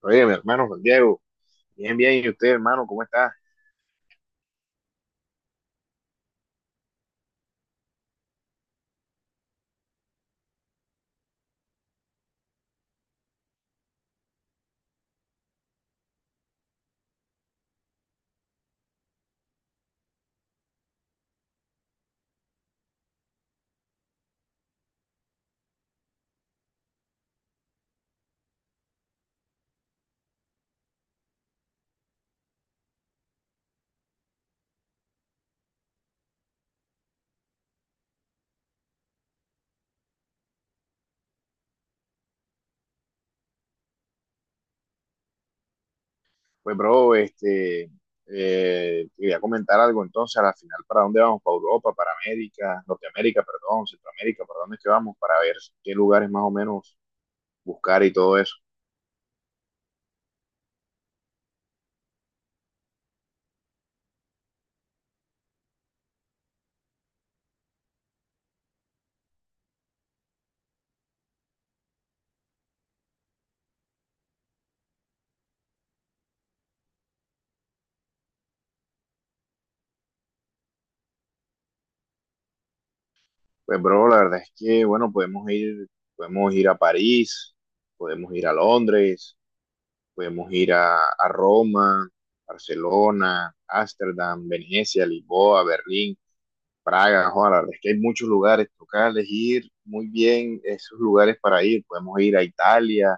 Oye, mi hermano Juan Diego, bien, bien, ¿y usted, hermano, cómo está? Pues, bro, este, quería comentar algo entonces, a la final, ¿para dónde vamos? ¿Para Europa, para América, Norteamérica, perdón, Centroamérica, para dónde es que vamos? Para ver qué lugares más o menos buscar y todo eso. Pues, bro, la verdad es que, bueno, podemos ir a París, podemos ir a Londres, podemos ir a Roma, Barcelona, Ámsterdam, Venecia, Lisboa, Berlín. Praga, Juan, es que hay muchos lugares, toca elegir muy bien esos lugares para ir. Podemos ir a Italia,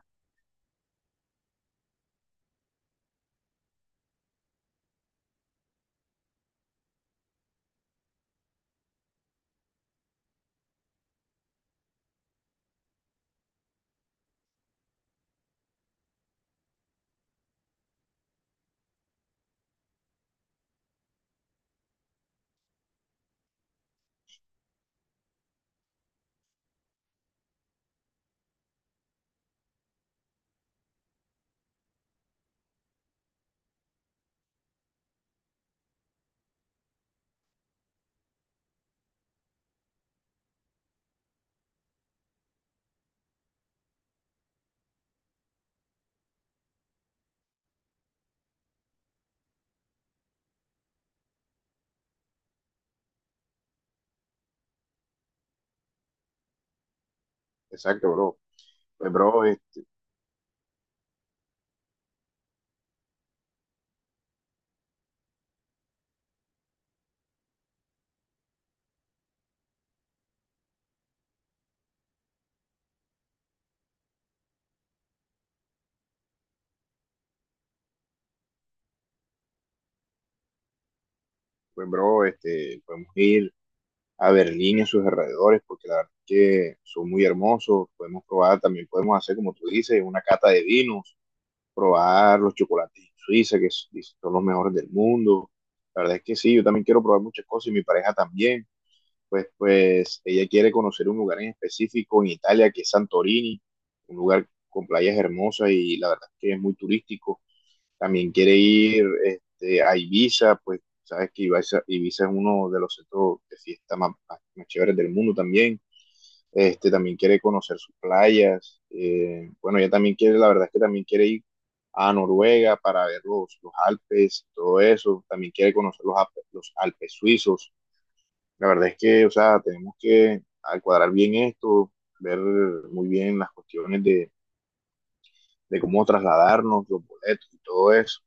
exacto, bro. Pues, bro, pues, bro, este, podemos ir a Berlín y a sus alrededores, porque la verdad es que son muy hermosos. Podemos probar, también podemos hacer, como tú dices, una cata de vinos, probar los chocolates en Suiza, son los mejores del mundo. La verdad es que sí, yo también quiero probar muchas cosas y mi pareja también. Pues, pues ella quiere conocer un lugar en específico en Italia, que es Santorini, un lugar con playas hermosas y la verdad es que es muy turístico. También quiere ir este, a Ibiza, pues sabes que Ibiza es uno de los centros de fiesta más chéveres del mundo también. Este, también quiere conocer sus playas. Bueno ella también quiere, la verdad es que también quiere ir a Noruega para ver los Alpes, todo eso. También quiere conocer los, los Alpes suizos. La verdad es que, o sea, tenemos que al cuadrar bien esto, ver muy bien las cuestiones de cómo trasladarnos, los boletos y todo eso.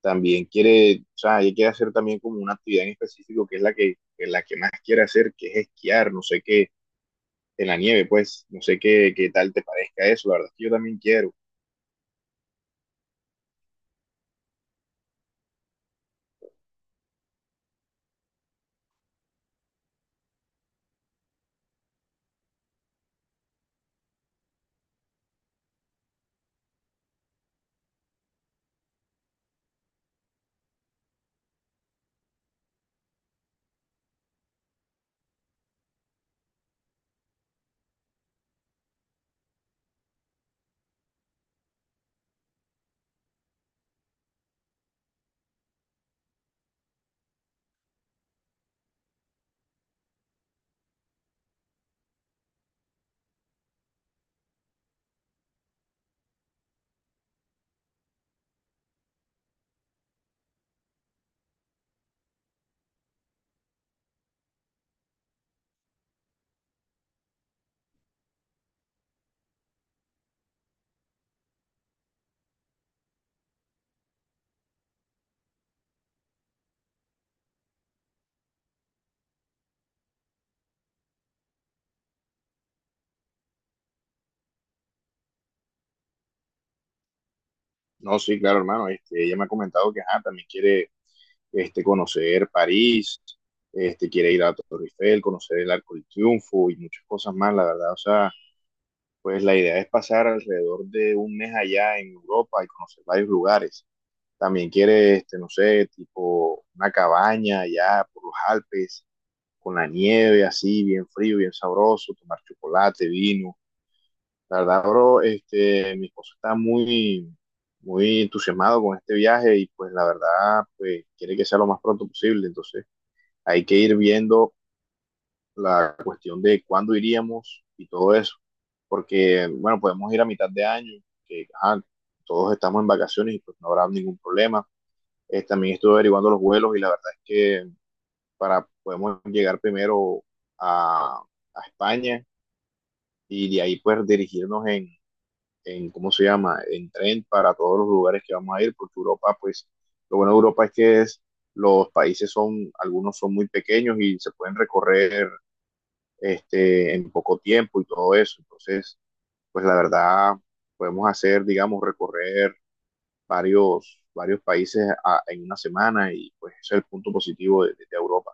También quiere, o sea, ella quiere hacer también como una actividad en específico que es la que la que más quiere hacer, que es esquiar, no sé qué, en la nieve, pues, no sé qué, qué tal te parezca eso, la verdad es que yo también quiero. No, sí, claro, hermano, este, ella me ha comentado que ajá, también quiere este, conocer París, este, quiere ir a la Torre Eiffel, conocer el Arco del Triunfo y muchas cosas más, la verdad, o sea, pues la idea es pasar alrededor de un mes allá en Europa y conocer varios lugares. También quiere, este, no sé, tipo una cabaña allá por los Alpes, con la nieve así, bien frío, bien sabroso, tomar chocolate, vino. La verdad, bro, este, mi esposo está muy, muy entusiasmado con este viaje y pues la verdad, pues quiere que sea lo más pronto posible. Entonces hay que ir viendo la cuestión de cuándo iríamos y todo eso, porque, bueno, podemos ir a mitad de año, que ajá, todos estamos en vacaciones y pues no habrá ningún problema. También estuve averiguando los vuelos y la verdad es que para podemos llegar primero a, a España y de ahí pues dirigirnos en, ¿cómo se llama?, en tren para todos los lugares que vamos a ir, porque Europa, pues, lo bueno de Europa es que es, los países son, algunos son muy pequeños y se pueden recorrer este, en poco tiempo y todo eso. Entonces, pues la verdad, podemos hacer, digamos, recorrer varios países en una semana y pues ese es el punto positivo de Europa.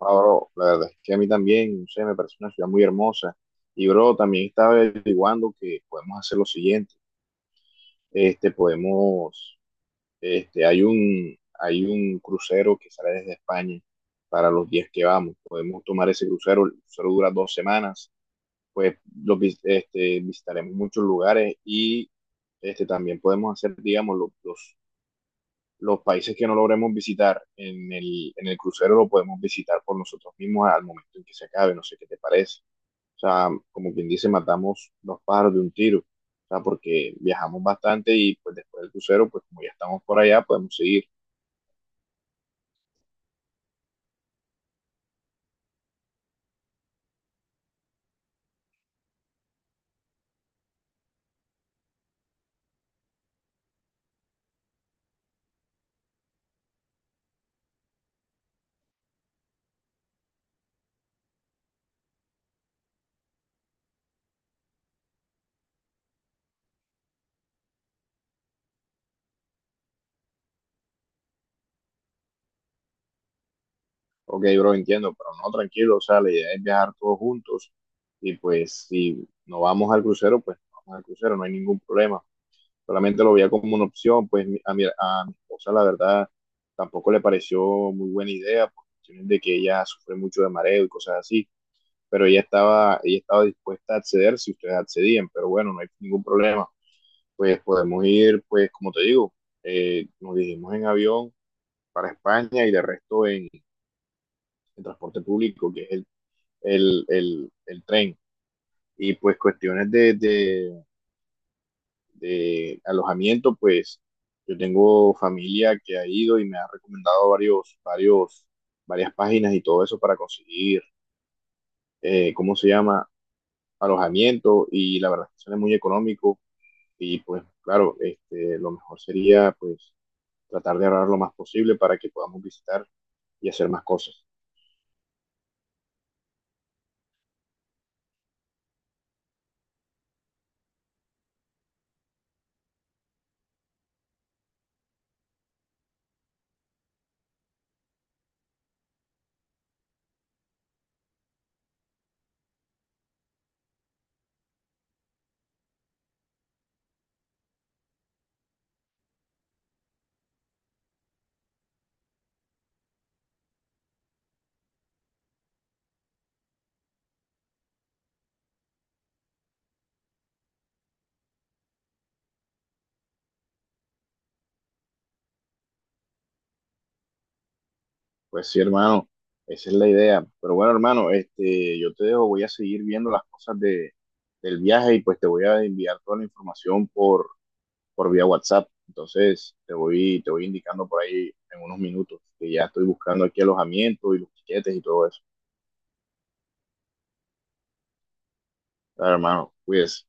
Ahora, la verdad es que a mí también, no sé, me parece una ciudad muy hermosa. Y bro, también estaba averiguando que podemos hacer lo siguiente. Este, podemos, este, hay un crucero que sale desde España para los días que vamos. Podemos tomar ese crucero, el crucero dura dos semanas, pues los, este, visitaremos muchos lugares y este, también podemos hacer, digamos, los países que no logremos visitar en el crucero, lo podemos visitar por nosotros mismos al momento en que se acabe, no sé qué te parece. O sea, como quien dice, matamos dos pájaros de un tiro, o sea, porque viajamos bastante y pues después del crucero, pues como ya estamos por allá, podemos seguir. Ok, bro, entiendo, pero no, tranquilo, o sea, la idea es viajar todos juntos y pues si no vamos al crucero, pues no vamos al crucero, no hay ningún problema. Solamente lo veía como una opción, pues a mi esposa la verdad tampoco le pareció muy buena idea, por cuestiones de que ella sufre mucho de mareo y cosas así, pero ella estaba dispuesta a acceder si ustedes accedían, pero bueno, no hay ningún problema, pues podemos ir, pues como te digo, nos dirigimos en avión para España y de resto en transporte público, que es el tren, y pues cuestiones de alojamiento, pues yo tengo familia que ha ido y me ha recomendado varias páginas y todo eso para conseguir, ¿cómo se llama? Alojamiento y la verdad es que sale muy económico y pues claro, este, lo mejor sería pues tratar de ahorrar lo más posible para que podamos visitar y hacer más cosas. Pues sí, hermano, esa es la idea. Pero bueno, hermano, este, yo te dejo, voy a seguir viendo las cosas de, del viaje y pues te voy a enviar toda la información por vía WhatsApp. Entonces, te voy indicando por ahí en unos minutos que ya estoy buscando aquí alojamiento y los tiquetes y todo eso. Dale, hermano, cuídese.